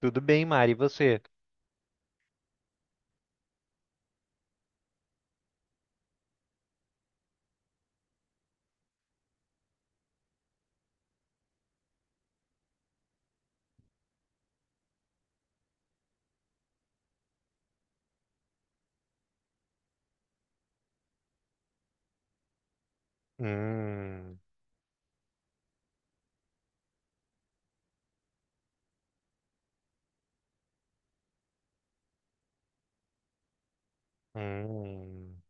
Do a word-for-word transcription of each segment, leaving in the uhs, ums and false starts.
Tudo bem, Mari, e você? Hum, hum,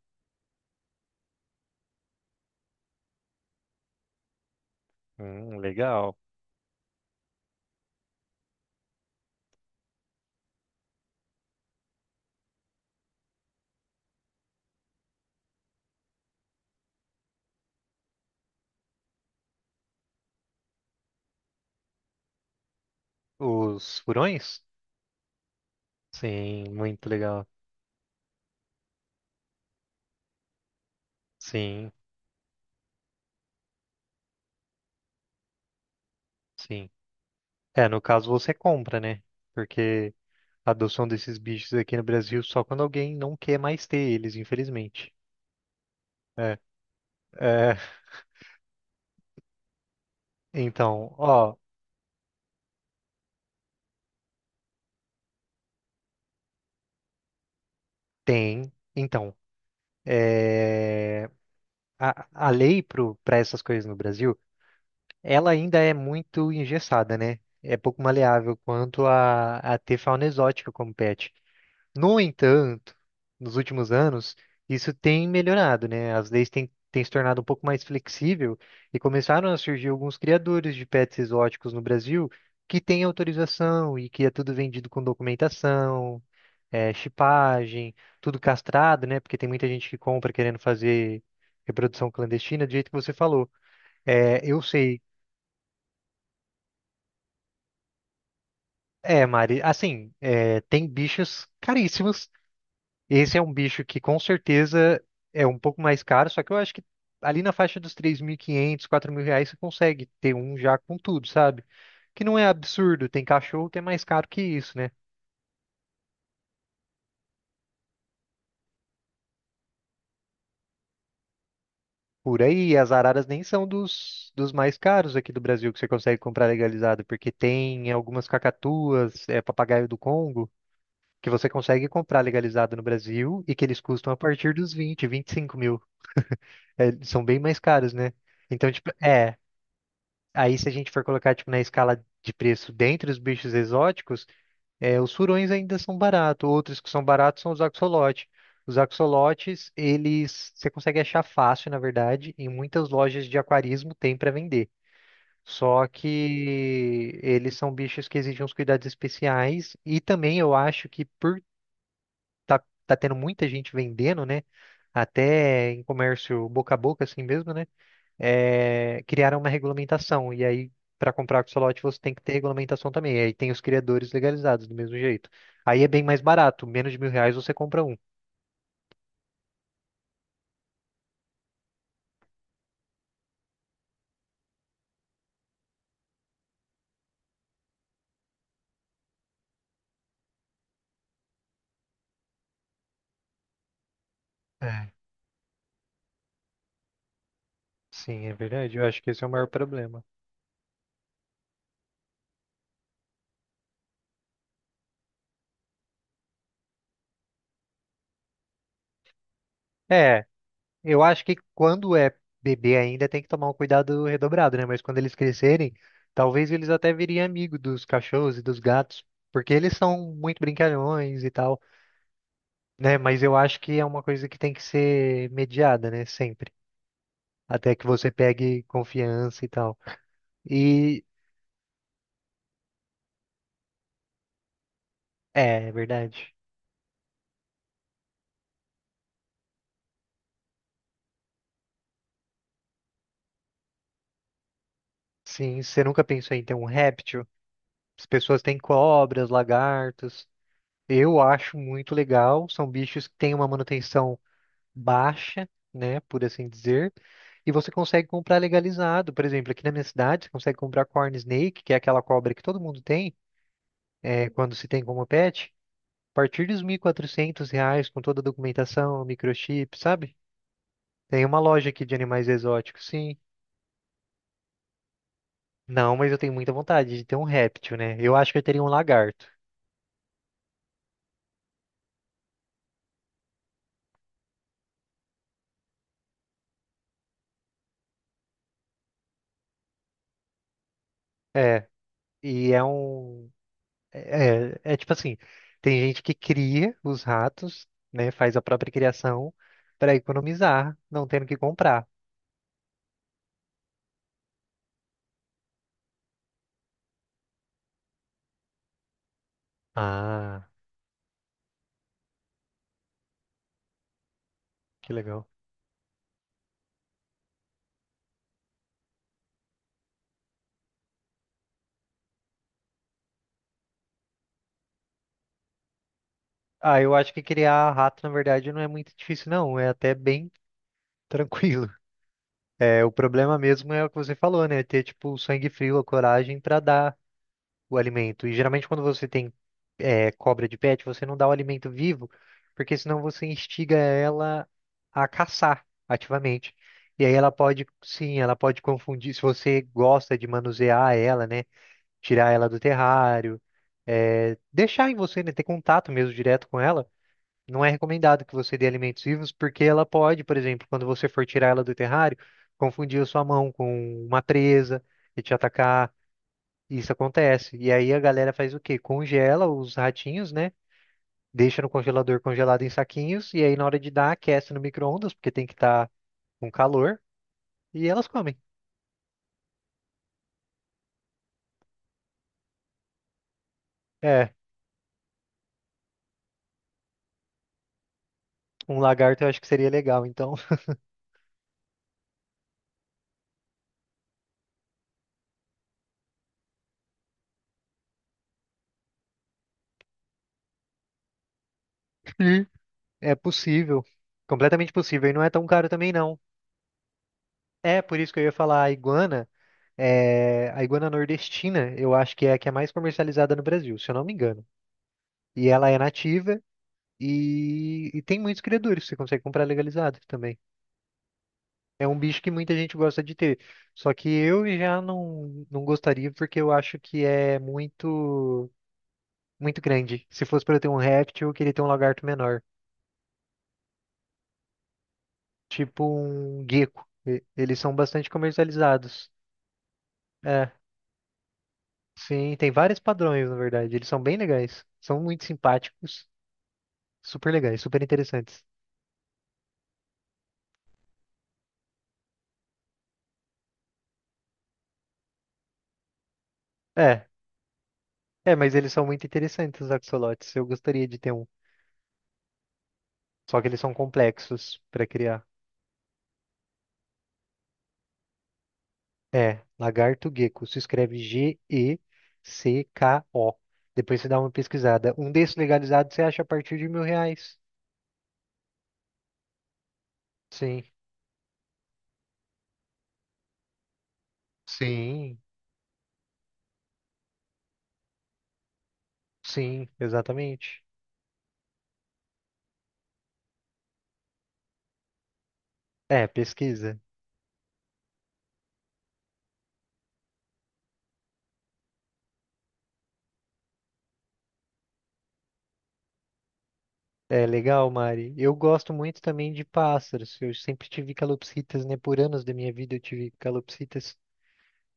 hum, legal. Os furões? Sim, muito legal. Sim, sim. É, no caso você compra, né? Porque a adoção desses bichos aqui no Brasil só quando alguém não quer mais ter eles, infelizmente. É, é, então, ó, tem. Então, é, a, a lei para essas coisas no Brasil, ela ainda é muito engessada, né? É pouco maleável quanto a, a ter fauna exótica como pet. No entanto, nos últimos anos, isso tem melhorado, né? As leis têm, têm se tornado um pouco mais flexível e começaram a surgir alguns criadores de pets exóticos no Brasil que têm autorização e que é tudo vendido com documentação, é, chipagem, tudo castrado, né? Porque tem muita gente que compra querendo fazer reprodução clandestina, do jeito que você falou. É, eu sei. É, Mari, assim, é, tem bichos caríssimos. Esse é um bicho que com certeza é um pouco mais caro, só que eu acho que ali na faixa dos três mil e quinhentos, quatro mil reais você consegue ter um já com tudo, sabe? Que não é absurdo, tem cachorro que é mais caro que isso, né? Por aí, as araras nem são dos, dos mais caros aqui do Brasil que você consegue comprar legalizado, porque tem algumas cacatuas, é, papagaio do Congo, que você consegue comprar legalizado no Brasil e que eles custam a partir dos vinte, vinte e cinco mil. É, são bem mais caros, né? Então, tipo, é. Aí, se a gente for colocar, tipo, na escala de preço dentre os bichos exóticos, é, os furões ainda são baratos. Outros que são baratos são os axolotes. Os axolotes, eles você consegue achar fácil, na verdade, em muitas lojas de aquarismo tem para vender. Só que eles são bichos que exigem uns cuidados especiais. E também eu acho que por tá, tá tendo muita gente vendendo, né? Até em comércio boca a boca, assim mesmo, né? É, criaram uma regulamentação. E aí, para comprar axolote, você tem que ter regulamentação também. E aí tem os criadores legalizados do mesmo jeito. Aí é bem mais barato, menos de mil reais você compra um. É, sim, é verdade. Eu acho que esse é o maior problema. É, eu acho que quando é bebê ainda tem que tomar um cuidado redobrado, né? Mas quando eles crescerem, talvez eles até virem amigo dos cachorros e dos gatos, porque eles são muito brincalhões e tal, né? Mas eu acho que é uma coisa que tem que ser mediada, né? Sempre. Até que você pegue confiança e tal. E é, é verdade. Sim, você nunca pensou em ter um réptil? As pessoas têm cobras, lagartos. Eu acho muito legal. São bichos que têm uma manutenção baixa, né, por assim dizer. E você consegue comprar legalizado. Por exemplo, aqui na minha cidade, você consegue comprar corn snake, que é aquela cobra que todo mundo tem, é, quando se tem como pet. A partir dos mil e quatrocentos reais, com toda a documentação, microchip, sabe? Tem uma loja aqui de animais exóticos, sim. Não, mas eu tenho muita vontade de ter um réptil, né? Eu acho que eu teria um lagarto. É, e é um. É, é é tipo assim: tem gente que cria os ratos, né? Faz a própria criação para economizar, não tendo que comprar. Ah, que legal. Ah, eu acho que criar rato, na verdade, não é muito difícil, não. É até bem tranquilo. É, o problema mesmo é o que você falou, né? Ter, tipo, o sangue frio, a coragem para dar, o alimento. E geralmente quando você tem é, cobra de pet, você não dá o alimento vivo, porque senão você instiga ela a caçar ativamente. E aí ela pode, sim, ela pode confundir, se você gosta de manusear ela, né? Tirar ela do terrário, é, deixar em você, né? Ter contato mesmo direto com ela. Não é recomendado que você dê alimentos vivos, porque ela pode, por exemplo, quando você for tirar ela do terrário, confundir a sua mão com uma presa e te atacar. Isso acontece. E aí a galera faz o quê? Congela os ratinhos, né? Deixa no congelador congelado em saquinhos. E aí na hora de dar, aquece no micro-ondas, porque tem que estar com calor. E elas comem. É, um lagarto eu acho que seria legal. Então, hum. É possível. Completamente possível. E não é tão caro também, não. É, por isso que eu ia falar a iguana. é, A iguana nordestina, eu acho que é a que é mais comercializada no Brasil, se eu não me engano. E ela é nativa e, e tem muitos criadores. Você consegue comprar legalizado também. É um bicho que muita gente gosta de ter. Só que eu já não, não gostaria porque eu acho que é muito muito grande. Se fosse para eu ter um réptil, eu queria ter um lagarto menor, tipo um gecko. E- Eles são bastante comercializados. É, sim, tem vários padrões, na verdade. Eles são bem legais. São muito simpáticos, super legais, super interessantes. É, é, mas eles são muito interessantes, os axolotes. Eu gostaria de ter um. Só que eles são complexos para criar. É, lagarto gecko. Se escreve G E C K O. Depois você dá uma pesquisada. Um desses legalizados você acha a partir de mil reais. Sim, sim, sim, exatamente. É, pesquisa. É legal, Mari. Eu gosto muito também de pássaros. Eu sempre tive calopsitas, né? Por anos da minha vida eu tive calopsitas.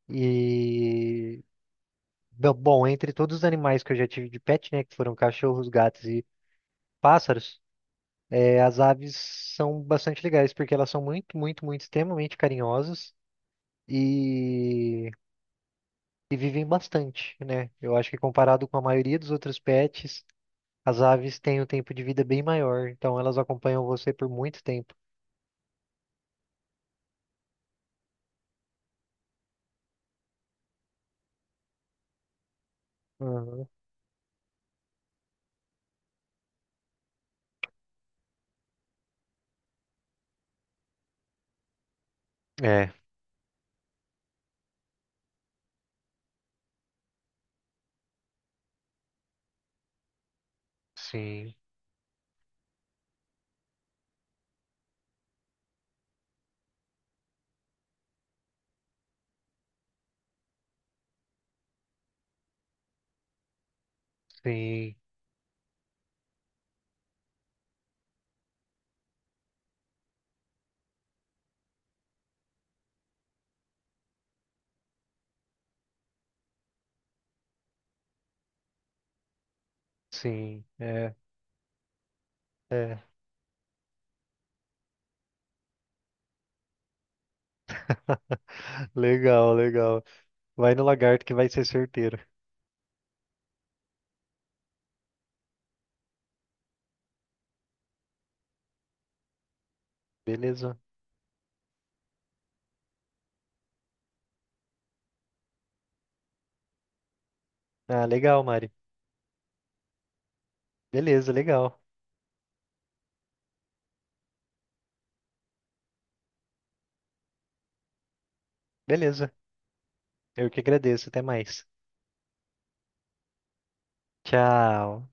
E. Bom, bom, entre todos os animais que eu já tive de pet, né? Que foram cachorros, gatos e pássaros. É, as aves são bastante legais porque elas são muito, muito, muito extremamente carinhosas e, e vivem bastante, né? Eu acho que comparado com a maioria dos outros pets, as aves têm um tempo de vida bem maior, então elas acompanham você por muito tempo. Uhum. É, sim, sim, sim, é, é. Legal, legal. Vai no lagarto que vai ser certeiro. Beleza. Ah, legal, Mari. Beleza, legal. Beleza. Eu que agradeço. Até mais. Tchau.